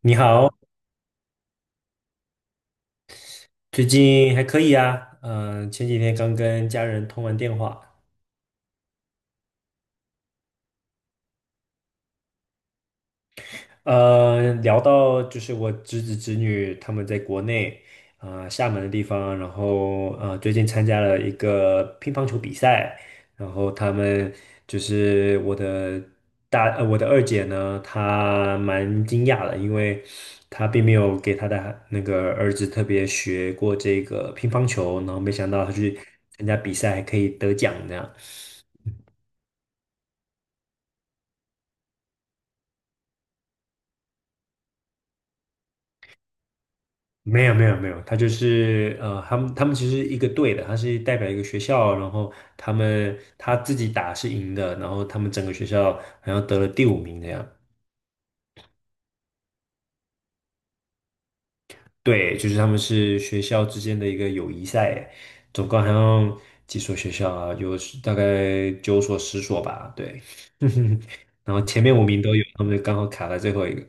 你好，最近还可以啊。嗯、前几天刚跟家人通完电话。聊到就是我侄子侄女他们在国内，厦门的地方。然后最近参加了一个乒乓球比赛。然后他们就是我的大，呃，我的二姐呢，她蛮惊讶的，因为她并没有给她的那个儿子特别学过这个乒乓球，然后没想到她去参加比赛还可以得奖这样。没有没有没有，他就是他们其实一个队的。他是代表一个学校，然后他自己打是赢的，然后他们整个学校好像得了第五名那样。对，就是他们是学校之间的一个友谊赛，总共好像几所学校啊，大概9所10所吧，对。然后前面五名都有，他们刚好卡在最后一个。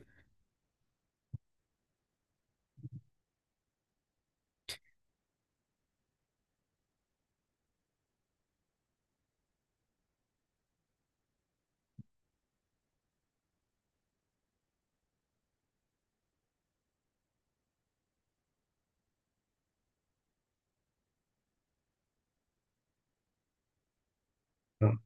嗯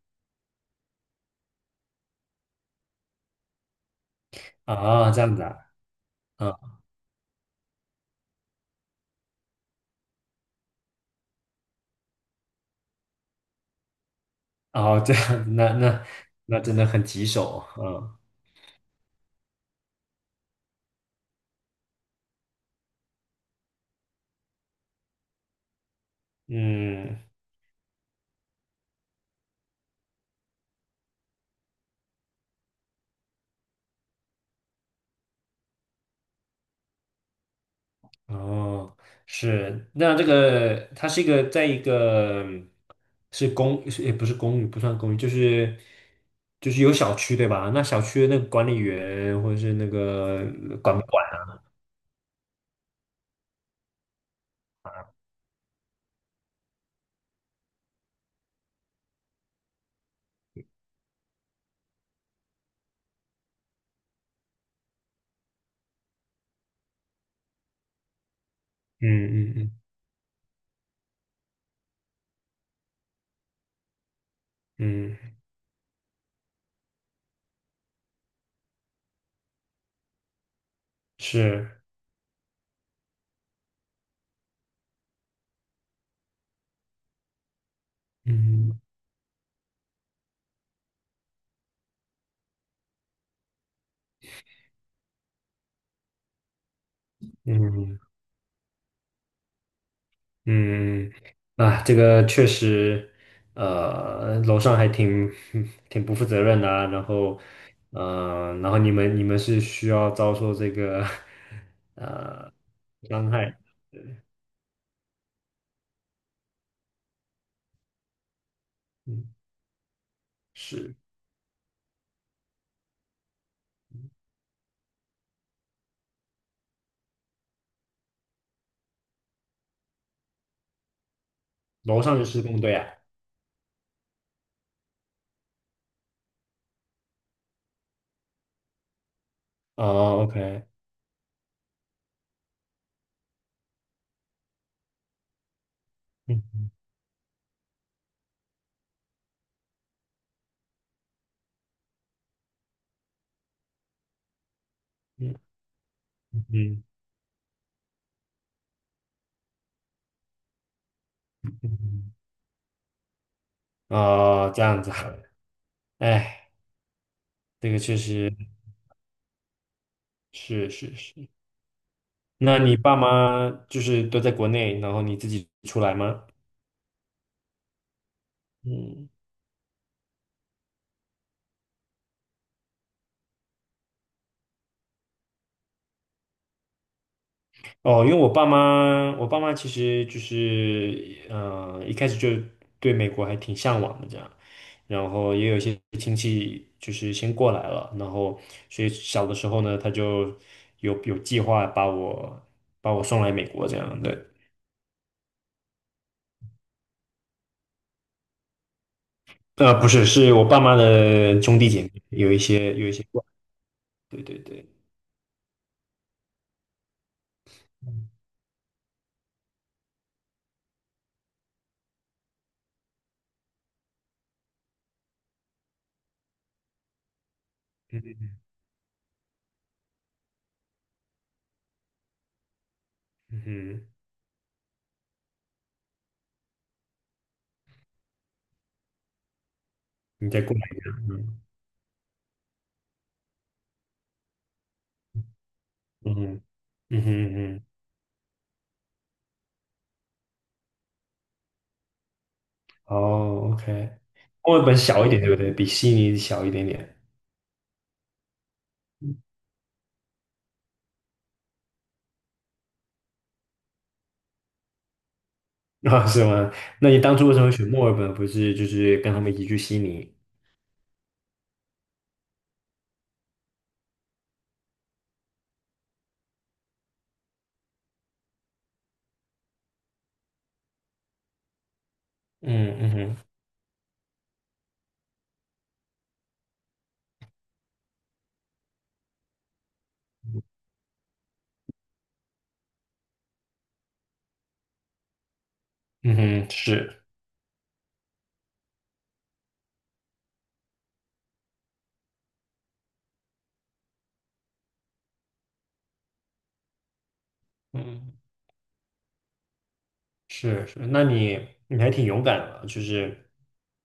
啊，这样子啊。啊，哦，这样，那真的很棘手。嗯嗯。哦，是，那这个它是一个在一个是也不是公寓，不算公寓，就是有小区对吧？那小区的那个管理员或者是那个管，嗯嗯嗯嗯，是，嗯嗯嗯。啊，这个确实，楼上还挺 挺不负责任的啊，然后。然后你们是需要遭受这个 呃伤害。嗯，是。楼上是施工队啊。哦，OK，嗯嗯嗯嗯，嗯哦，这样子啊。哎，这个确实，是是是。那你爸妈就是都在国内，然后你自己出来吗？嗯哦，因为我爸妈其实就是，一开始就对美国还挺向往的这样，然后也有一些亲戚就是先过来了，然后所以小的时候呢，他就有计划把我送来美国这样的。不是，是我爸妈的兄弟姐妹，有一些过来。对对对，嗯哼，你再过来一下，嗯嗯嗯嗯哼嗯哼哦，OK。墨尔本小一点对不对？比悉尼小一点点。啊，是吗？那你当初为什么会选墨尔本？不是就是跟他们一起去悉尼？嗯嗯哼，嗯哼，是，嗯是是。那你还挺勇敢的，就是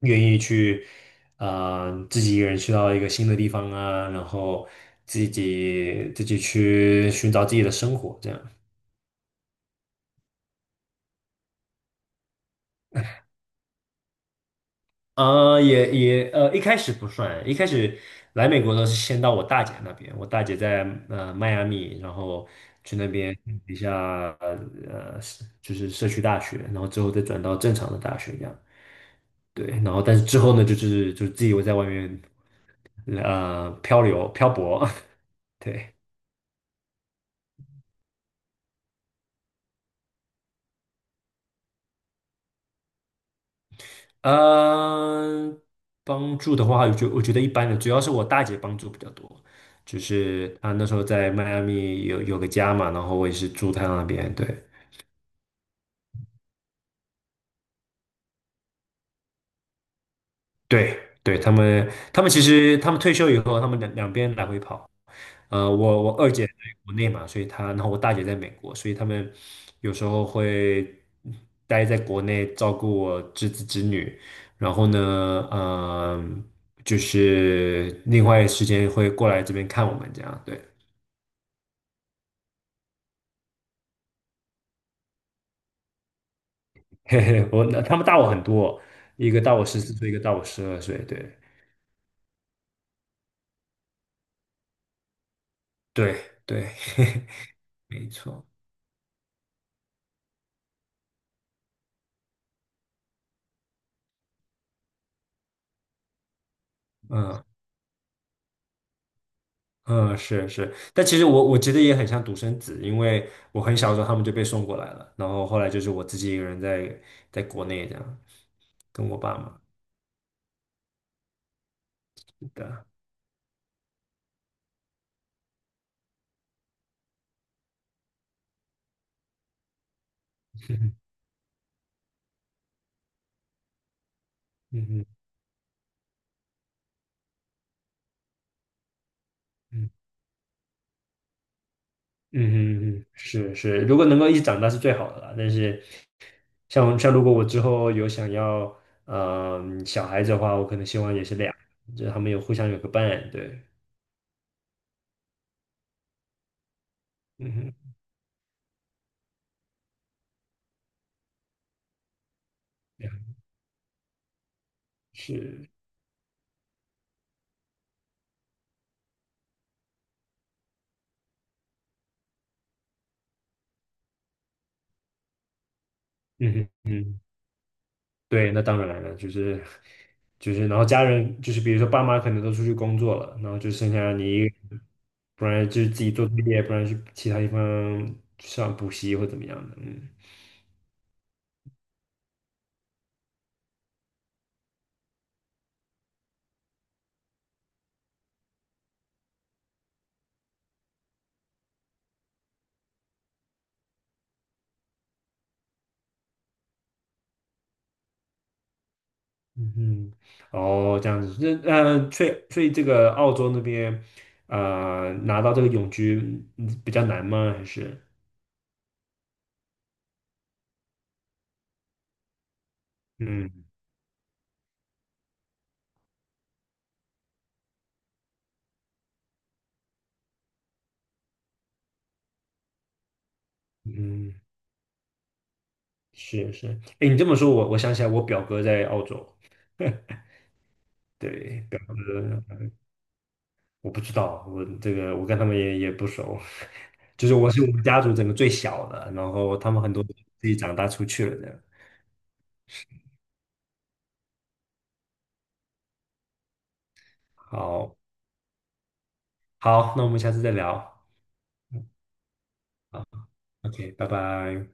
愿意去，啊，自己一个人去到一个新的地方啊，然后自己去寻找自己的生活，这样。也也呃，一开始不算，一开始来美国的时候是先到我大姐那边，我大姐在迈阿密，然后去那边念一下就是社区大学，然后之后再转到正常的大学这样。对。然后但是之后呢，就是自己我在外面漂流漂泊。对。嗯，帮助的话，我觉得一般的，主要是我大姐帮助比较多。就是她那时候在迈阿密有个家嘛，然后我也是住她那边，对。对对，他们其实他们退休以后，他们两边来回跑。我二姐在国内嘛，所以她，然后我大姐在美国，所以他们有时候会待在国内照顾我侄子侄女，然后呢，就是另外时间会过来这边看我们这样，对。嘿嘿，他们大我很多，一个大我14岁，一个大我12岁。对对对，没错。嗯、嗯，是是。但其实我觉得也很像独生子，因为我很小的时候他们就被送过来了，然后后来就是我自己一个人在国内这样，跟我爸妈。对啊，嗯哼嗯嗯哼嗯，是是。如果能够一起长大是最好的了。但是像如果我之后有想要小孩子的话，我可能希望也是俩，就他们有互相有个伴，对，嗯哼，是，嗯哼嗯。对，那当然了，就是，然后家人就是，比如说爸妈可能都出去工作了，然后就剩下你一个，不然就是自己做作业，不然去其他地方上补习或怎么样的。嗯嗯哼，哦，这样子。那所以这个澳洲那边，拿到这个永居比较难吗？还是嗯嗯，是是。哎，你这么说，我想起来，我表哥在澳洲。对，表哥。我不知道，我这个我跟他们也不熟。就是我是我们家族整个最小的，然后他们很多都自己长大出去了的。好，好，那我们下次再聊。嗯好，OK，拜拜。